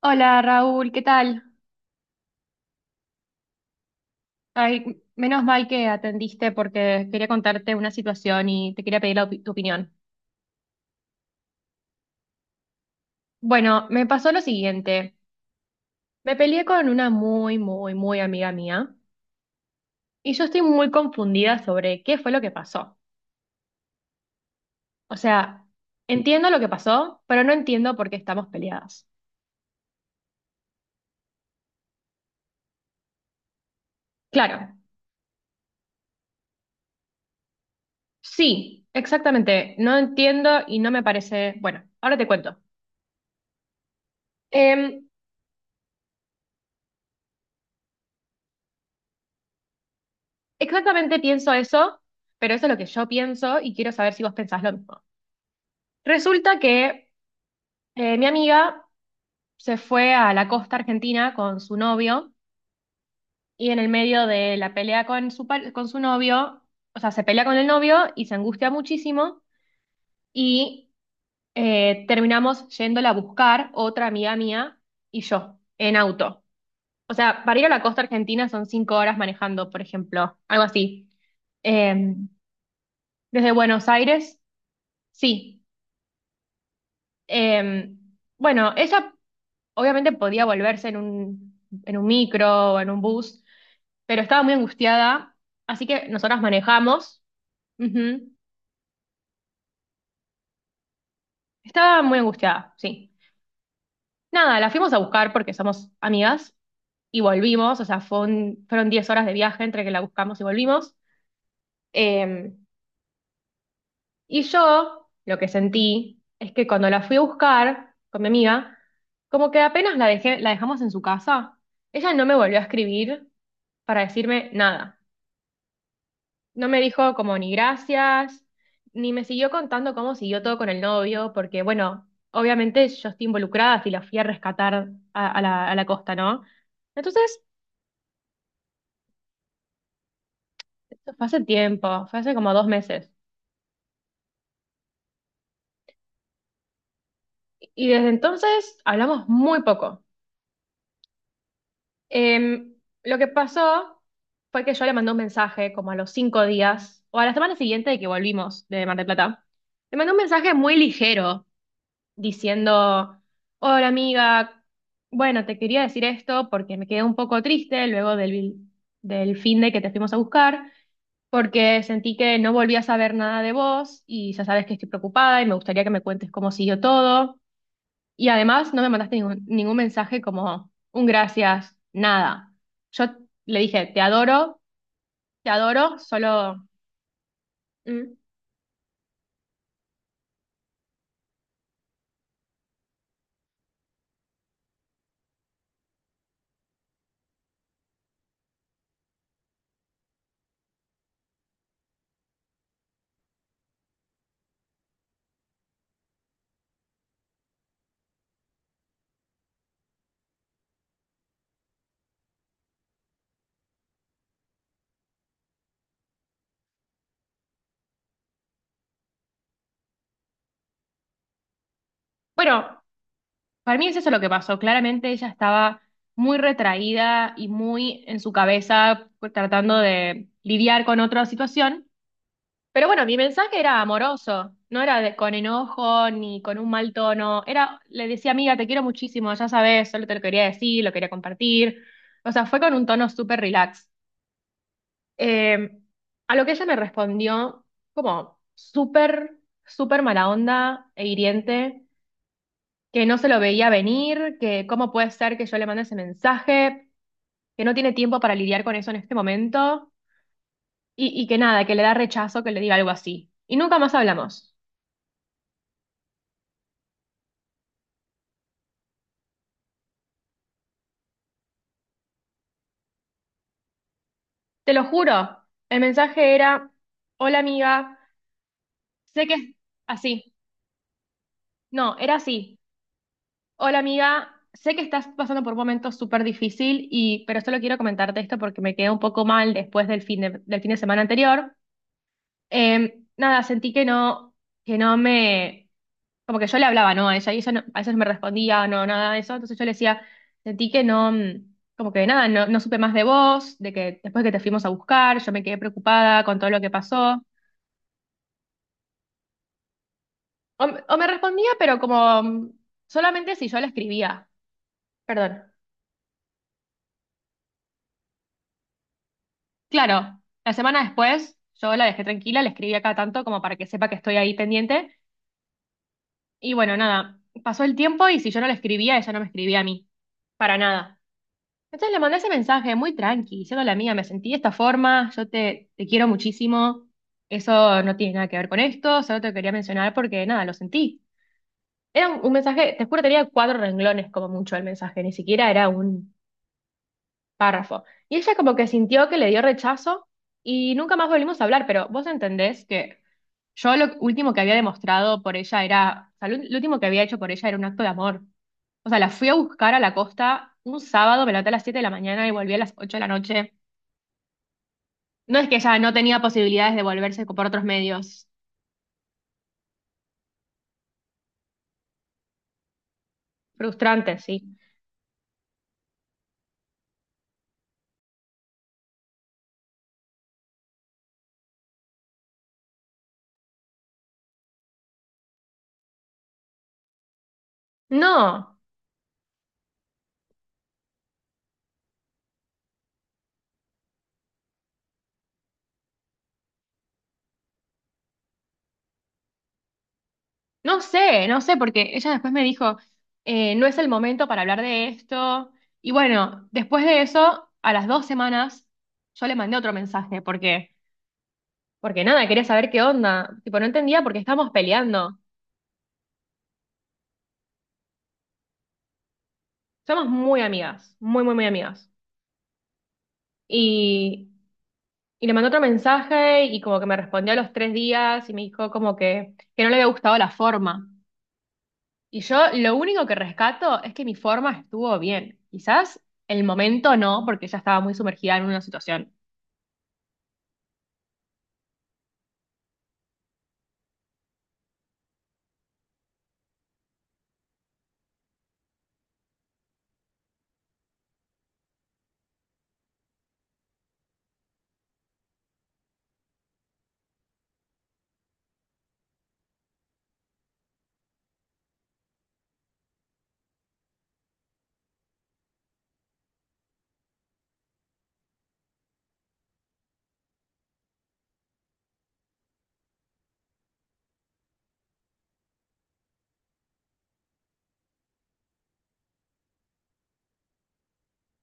Hola Raúl, ¿qué tal? Ay, menos mal que atendiste porque quería contarte una situación y te quería pedir tu opinión. Bueno, me pasó lo siguiente. Me peleé con una muy, muy, muy amiga mía y yo estoy muy confundida sobre qué fue lo que pasó. O sea, entiendo lo que pasó, pero no entiendo por qué estamos peleadas. Claro, sí, exactamente. No entiendo y no me parece... Bueno, ahora te cuento. Em, Exactamente pienso eso, pero eso es lo que yo pienso y quiero saber si vos pensás lo mismo. Resulta que mi amiga se fue a la costa argentina con su novio y en el medio de la pelea con con su novio, o sea, se pelea con el novio y se angustia muchísimo y terminamos yéndola a buscar otra amiga mía y yo en auto. O sea, para ir a la costa argentina son 5 horas manejando, por ejemplo, algo así. Em, desde Buenos Aires, sí. Eh, bueno, ella obviamente podía volverse en en un micro o en un bus, pero estaba muy angustiada, así que nosotras manejamos. Ujú. Estaba muy angustiada, sí. Nada, la fuimos a buscar porque somos amigas y volvimos, o sea, fueron 10 horas de viaje entre que la buscamos y volvimos. Eh, y yo lo que sentí es que cuando la fui a buscar con mi amiga, como que apenas la dejamos en su casa, ella no me volvió a escribir para decirme nada. No me dijo como ni gracias, ni me siguió contando cómo siguió todo con el novio, porque bueno, obviamente yo estoy involucrada si la fui a rescatar a la costa, ¿no? Entonces, esto fue hace tiempo, fue hace como 2 meses. Y desde entonces hablamos muy poco. Em, lo que pasó fue que yo le mandé un mensaje como a los 5 días, o a la semana siguiente de que volvimos de Mar del Plata. Le mandé un mensaje muy ligero, diciendo, hola amiga, bueno, te quería decir esto porque me quedé un poco triste luego del fin de que te fuimos a buscar, porque sentí que no volví a saber nada de vos y ya sabes que estoy preocupada y me gustaría que me cuentes cómo siguió todo. Y además no me mandaste ningún mensaje como un gracias, nada. Yo le dije, te adoro, solo... mm, Bueno, para mí es eso lo que pasó. Claramente ella estaba muy retraída y muy en su cabeza pues, tratando de lidiar con otra situación. Pero bueno, mi mensaje era amoroso, no era con enojo ni con un mal tono. Era, le decía, amiga, te quiero muchísimo, ya sabes, solo te lo quería decir, lo quería compartir. O sea, fue con un tono súper relax. Eh, a lo que ella me respondió como súper, súper mala onda e hiriente que no se lo veía venir, que cómo puede ser que yo le mande ese mensaje, que no tiene tiempo para lidiar con eso en este momento y que nada, que le da rechazo que le diga algo así. Y nunca más hablamos. Te lo juro, el mensaje era, hola amiga, sé que es así. No, era así. Hola amiga, sé que estás pasando por un momento súper difícil pero solo quiero comentarte esto porque me quedé un poco mal después del fin de semana anterior. Nada, sentí que no me como que yo le hablaba, ¿no? A ella y ella no- a veces no me respondía, no, nada de eso. Entonces yo le decía, sentí que no, mm, como que nada, no supe más de vos, de que después que te fuimos a buscar, yo me quedé preocupada con todo lo que pasó. O me respondía, pero como mm, solamente si yo la escribía. Perdón. Claro, la semana después yo la dejé tranquila, le escribí acá tanto como para que sepa que estoy ahí pendiente. Y bueno, nada, pasó el tiempo y si yo no le escribía, ella no me escribía a mí, para nada. Entonces le mandé ese mensaje muy tranqui, diciendo la amiga, me sentí de esta forma, te quiero muchísimo, eso no tiene nada que ver con esto, solo te quería mencionar porque nada, lo sentí. Era un mensaje, te juro, tenía 4 renglones como mucho el mensaje, ni siquiera era un, párrafo. Y ella como que sintió que le dio rechazo y nunca más volvimos a hablar, pero vos entendés que yo lo último que había demostrado por ella era, o sea, lo último que había hecho por ella era un acto de amor. O sea, la fui a buscar a la costa un sábado, me levanté a las 7 de la mañana y volví a las 8 de la noche. No es que ella no tenía posibilidades de volverse por otros medios. Frustrante, sí. No. No sé, no sé, porque ella después me dijo, no es el momento para hablar de esto. Y bueno, después de eso, a las 2 semanas, yo le mandé otro mensaje, porque nada, quería saber qué onda. Tipo, no entendía porque estábamos peleando. Somos muy amigas, muy, muy, muy amigas. Y, y le mandé otro mensaje y como que me respondió a los 3 días y me dijo como que no le había gustado la forma. Y yo lo único que rescato es que mi forma estuvo bien. Quizás el momento no, porque ya estaba muy sumergida en una situación.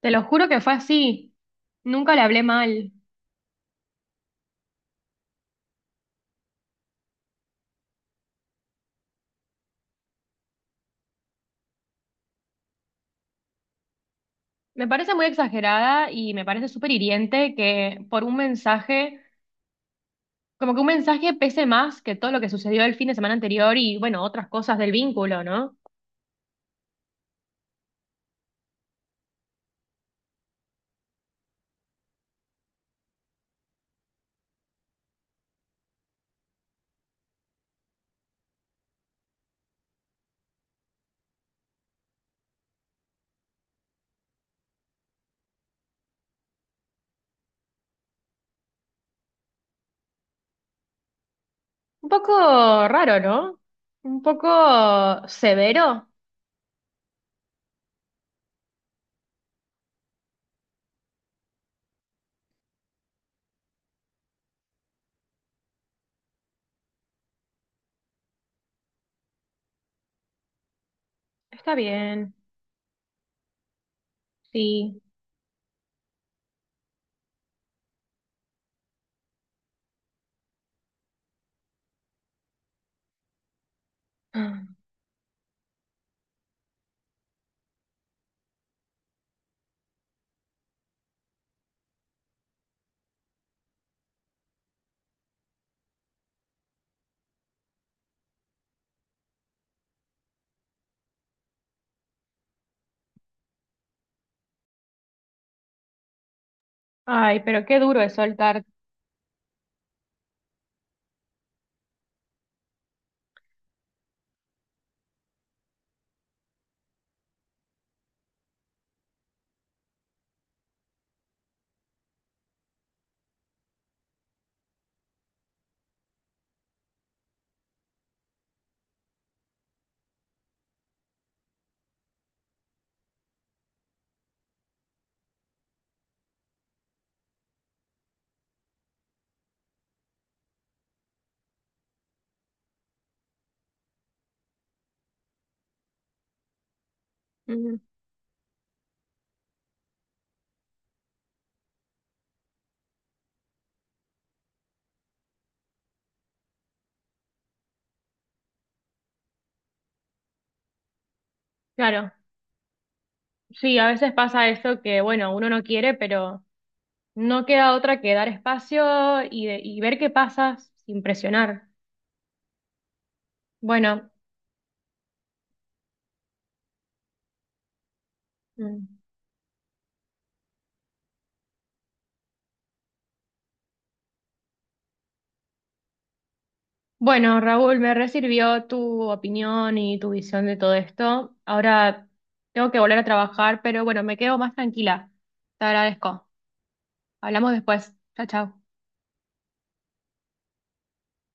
Te lo juro que fue así. Nunca le hablé mal. Me parece muy exagerada y me parece súper hiriente que por un mensaje, como que un mensaje pese más que todo lo que sucedió el fin de semana anterior y bueno, otras cosas del vínculo, ¿no? Un poco raro, ¿no? Un poco severo. Está bien, sí. Ay, pero qué duro es soltar. Mm. Claro, sí, a veces pasa eso que, bueno, uno no quiere, pero no queda otra que dar espacio y ver qué pasa sin presionar. Bueno, mm. Bueno, Raúl, me resirvió tu opinión y tu visión de todo esto. Ahora tengo que volver a trabajar, pero bueno, me quedo más tranquila. Te agradezco. Hablamos después. Chao, chao.